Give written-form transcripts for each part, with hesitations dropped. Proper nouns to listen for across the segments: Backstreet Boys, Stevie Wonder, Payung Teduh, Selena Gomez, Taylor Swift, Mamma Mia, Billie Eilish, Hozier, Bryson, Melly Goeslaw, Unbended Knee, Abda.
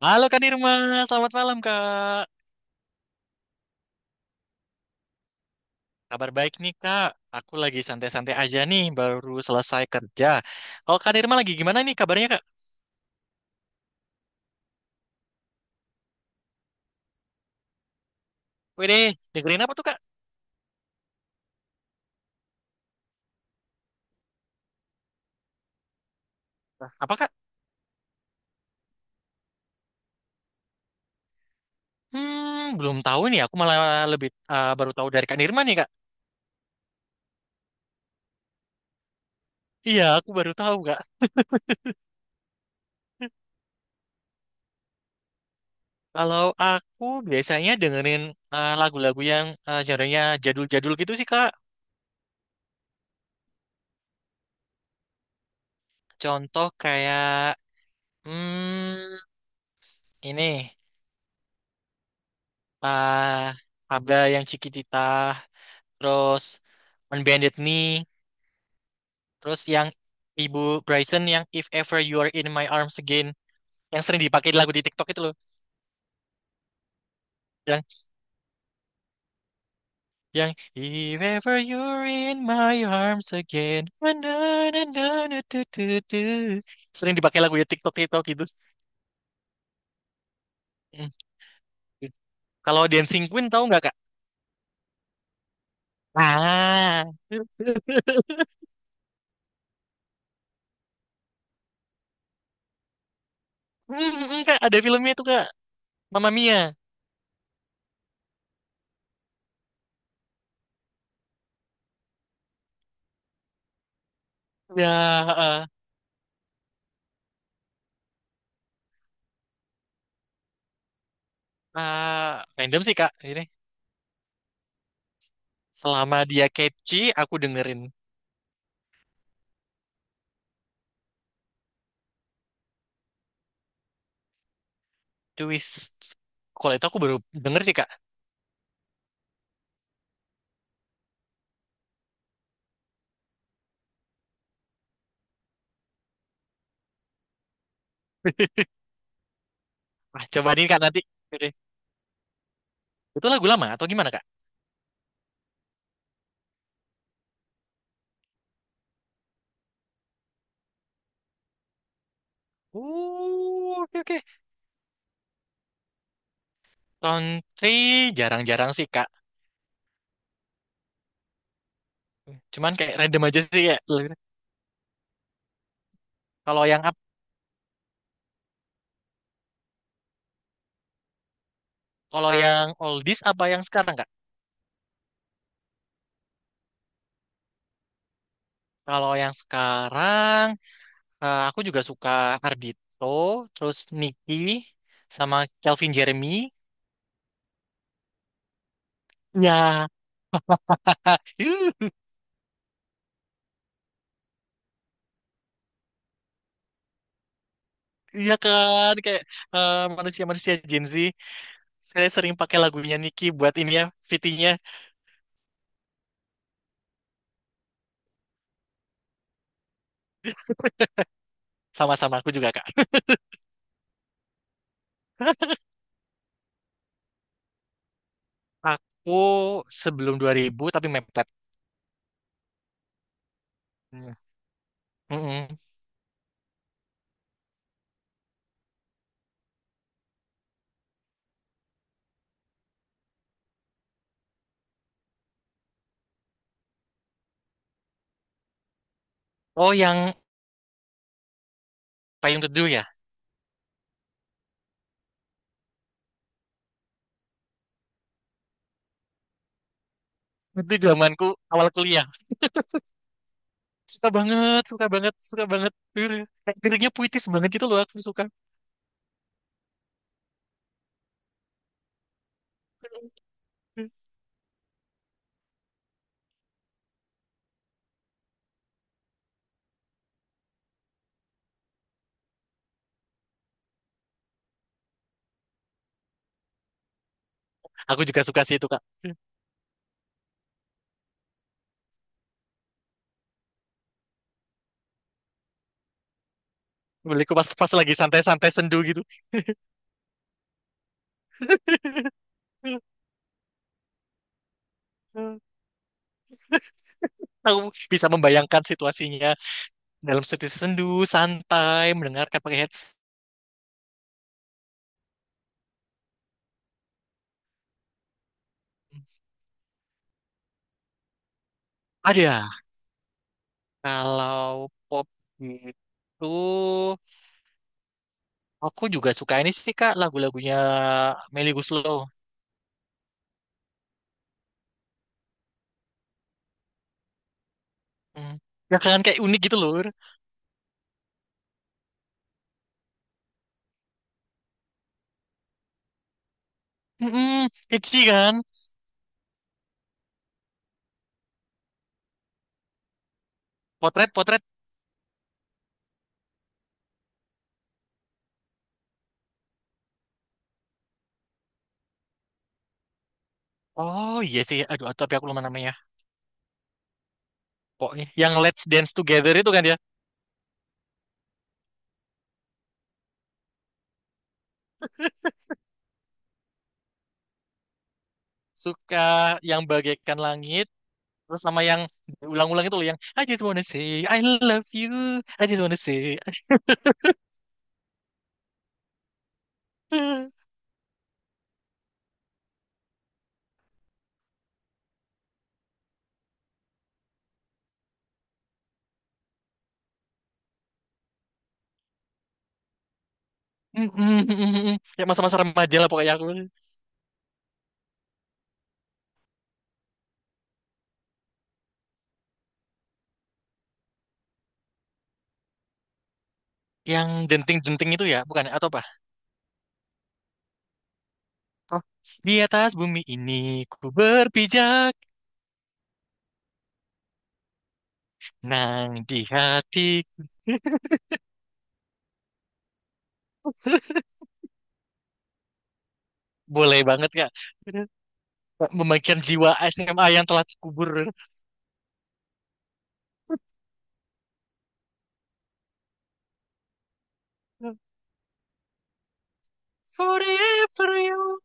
Halo Kak Nirma, selamat malam Kak. Kabar baik nih Kak. Aku lagi santai-santai aja nih, baru selesai kerja. Kalau Kak Nirma lagi gimana nih kabarnya Kak? Wede, dengerin apa tuh Kak? Lah, apa Kak? Hmm, belum tahu nih. Aku malah lebih baru tahu dari Kak Nirma nih Kak. Iya, aku baru tahu Kak. Kalau aku biasanya dengerin lagu-lagu yang genre-nya jadul-jadul gitu sih Kak. Contoh kayak, hmm, ini, eh Abda yang Cikitita, terus Unbended Knee, terus yang Ibu Bryson yang If Ever You're in My Arms Again, yang sering dipakai di lagu di TikTok itu loh, yang yang If Ever You're in My Arms Again, na na na na na du du du. Sering dipakai lagu di TikTok TikTok gitu. Mm. Kalau Dancing Queen tahu nggak Kak? Ah, mm, mm, Kak ada filmnya itu Kak, Mamma Mia. Ya, eh. Random sih Kak. Ini selama dia catchy, aku dengerin. Twist. Kalau itu aku baru denger sih, Kak. Ah, coba nih, Kak, nanti. Oke. Itu lagu lama atau gimana, Kak? Oh, oke, oke. Country jarang-jarang sih, Kak. Cuman kayak random aja sih, ya. Kalau yang up, kalau yang oldies apa yang sekarang, Kak? Kalau yang sekarang, aku juga suka Ardito, terus Nicky, sama Calvin Jeremy. Ya, iya kan, kayak manusia-manusia Gen Z. Saya sering pakai lagunya Niki buat ini ya, fitinya sama-sama aku juga Kak. Aku sebelum 2000 tapi mepet. Hmm. Mm-mm. Oh yang Payung Teduh ya. Itu zamanku awal kuliah. Suka banget, suka banget, suka banget. Kayak liriknya puitis banget gitu loh aku suka. Aku juga suka sih itu Kak. Beliku pas pas lagi santai-santai sendu gitu. Aku bisa membayangkan situasinya dalam situasi sendu, santai, mendengarkan pakai headset. Ada. Kalau pop gitu, aku juga suka ini sih Kak, lagu-lagunya Melly Goeslaw. Hmm. Ya kan kayak unik gitu loh. Hmm, kecil kan. Potret, potret. Oh iya sih. Aduh, tapi aku lupa namanya. Pokoknya yang Let's Dance Together itu kan ya. Suka yang bagaikan langit. Terus sama yang ulang ulang itu loh yang I just wanna say I love you. I just wanna say. Mm, mm, mm, mm, mm. Ya masa-masa remaja lah pokoknya aku. Yang denting-denting itu ya, bukan? Ya? Atau apa? Oh, di atas bumi ini ku berpijak, nang di hatiku. Boleh banget Kak. Memainkan jiwa SMA yang telah kubur. Forever you.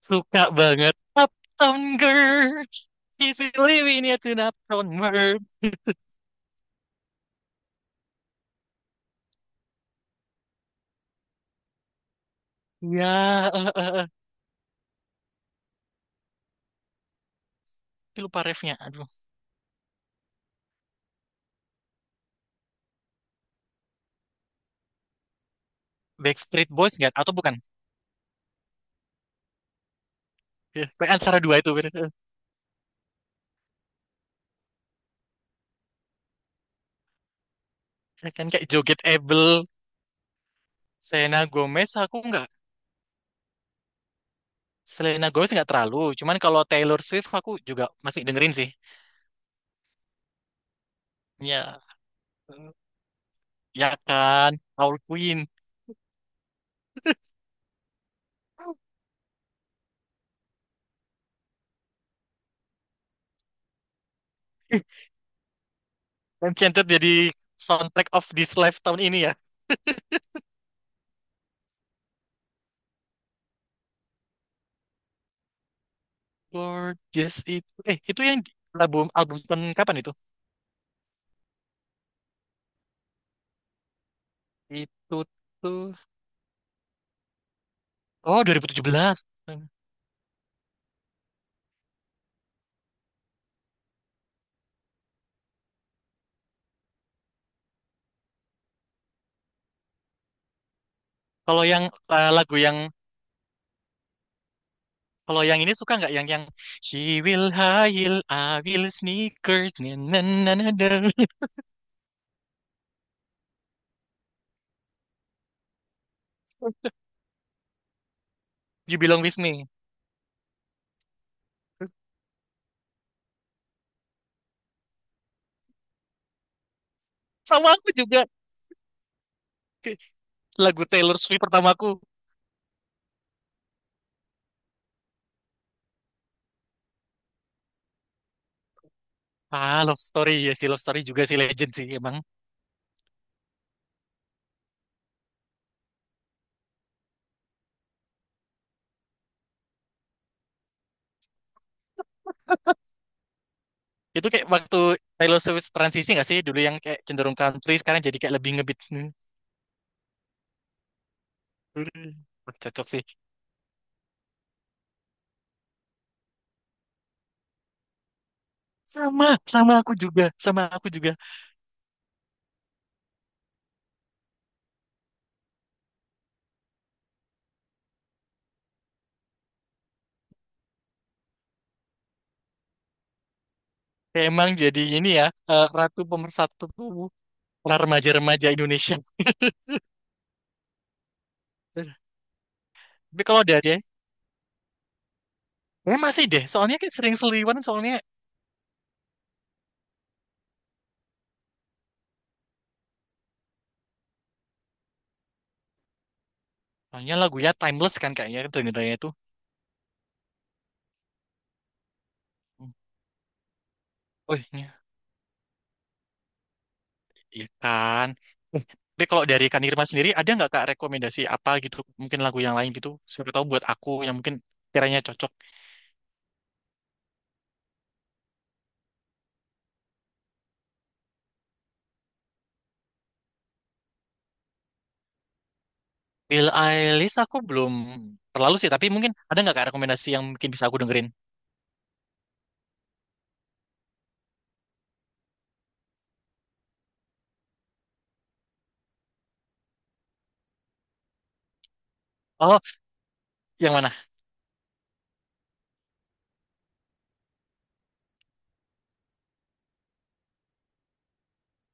Suka banget. Uptown Girl. He's been living it in an Uptown Girl. Ya, eh, eh, eh. Tapi lupa refnya. Aduh. Backstreet Boys nggak? Atau bukan? Ya, kayak antara dua itu. Bener. Eh, kan kayak Joget Abel. Selena Gomez, aku nggak. Selena Gomez nggak terlalu, cuman kalau Taylor Swift aku juga masih dengerin sih. Ya, ya kan, Our Queen. Enchanted jadi soundtrack of this life tahun ini ya. Gorgeous itu, itu yang di- album album tahun kapan itu? Itu tuh, oh 2017. Hmm. Kalau yang lagu yang kalau yang ini suka nggak yang She will heal, I will sneakers, na na na na na. You belong with me. Sama aku juga. Ke- Lagu Taylor Swift pertamaku. Ah, Love Story ya si Love Story juga si Legend sih emang. Itu kayak waktu Taylor Swift transisi nggak sih dulu yang kayak cenderung country sekarang jadi kayak lebih ngebeat. Hmm, cocok sih. Sama, sama aku juga, sama aku juga. Kayak emang jadi ini ya ratu pemersatu para remaja-remaja Indonesia. Tapi kalau ada deh, ya masih deh. Soalnya kayak sering seliwan soalnya. Soalnya lagunya timeless kan kayaknya dengernya itu. Oh, ikan. Eh, tapi kalau dari Kak Nirma sendiri, ada nggak Kak rekomendasi apa gitu? Mungkin lagu yang lain gitu. Siapa tahu buat aku yang mungkin kiranya cocok. Bill Eilish aku belum terlalu sih, tapi mungkin ada nggak Kak rekomendasi yang mungkin bisa aku dengerin? Oh, yang mana?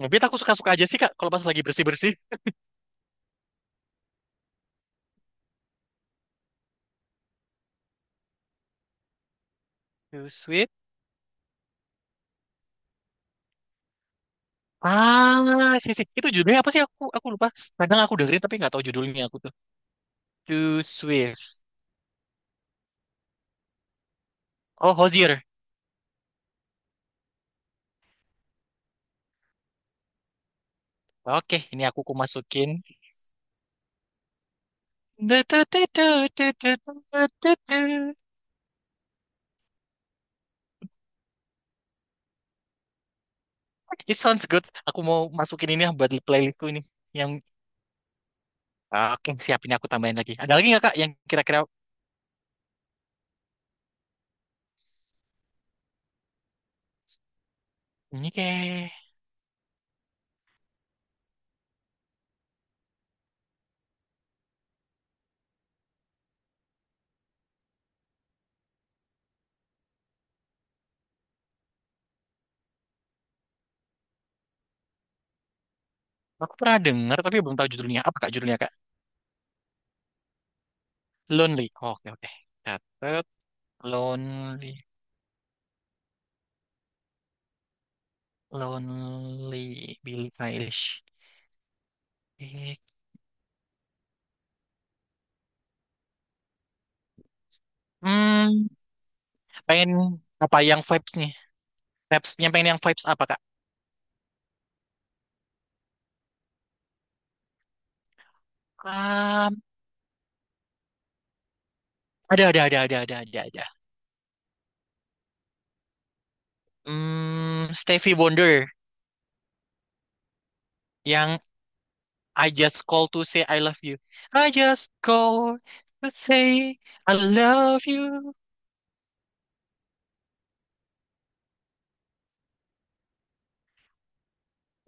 Mungkin aku suka-suka aja sih Kak, kalau pas lagi bersih-bersih. Too sweet. Ah, sih, sih. Itu judulnya apa sih? Aku lupa. Kadang aku dengerin tapi nggak tahu judulnya aku tuh. Too sweet. Oh, Hozier. Oke, ini aku ku masukin. It sounds good. Aku mau masukin ini ya buat playlistku ini. Yang oke, siapin aku tambahin lagi. Ada lagi nggak Kak yang kira-kira ini kayak aku pernah dengar tapi belum tahu judulnya. Apa Kak judulnya Kak? Lonely. Oke, oke. Catat Lonely, Lonely Billie Eilish. Eh, Hmm, pengen apa yang vibes nih? Vibes yang pengen yang vibes apa Kak? Um, ada ada. Stevie Wonder yang I just call to say I love you. I just call to say I love you.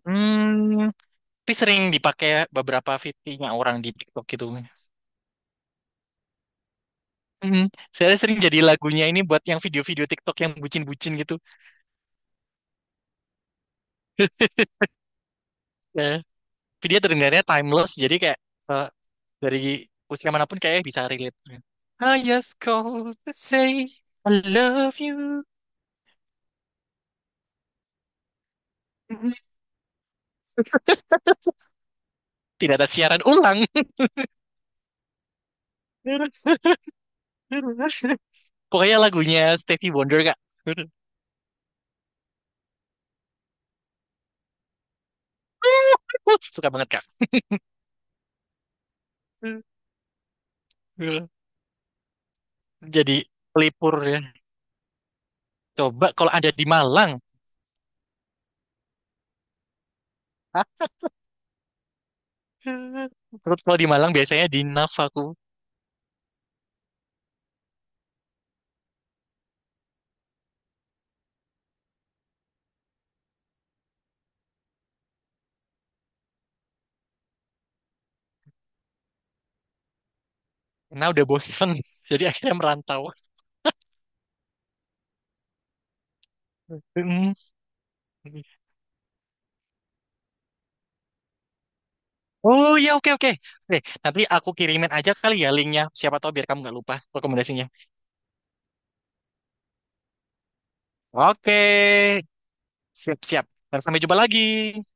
Hmm, tapi sering dipakai beberapa fitnya orang di TikTok gitu. Hmm, saya sering jadi lagunya ini buat yang video-video TikTok yang bucin-bucin gitu. Eh, tapi dia terdengarnya timeless, jadi kayak eh, dari usia manapun kayak bisa relate. I just call to say I love you. Tidak ada siaran ulang. Pokoknya lagunya Stevie Wonder, Kak. Suka banget, Kak. Jadi pelipur ya. Coba kalau ada di Malang. Terus kalau di Malang biasanya di NAF aku. Nah udah bosen, jadi akhirnya merantau. Hmm. Oh iya oke oke. Oke, nanti aku kirimin aja kali ya linknya. Siapa tahu biar kamu nggak lupa rekomendasinya. Oke, siap siap. Dan sampai jumpa lagi.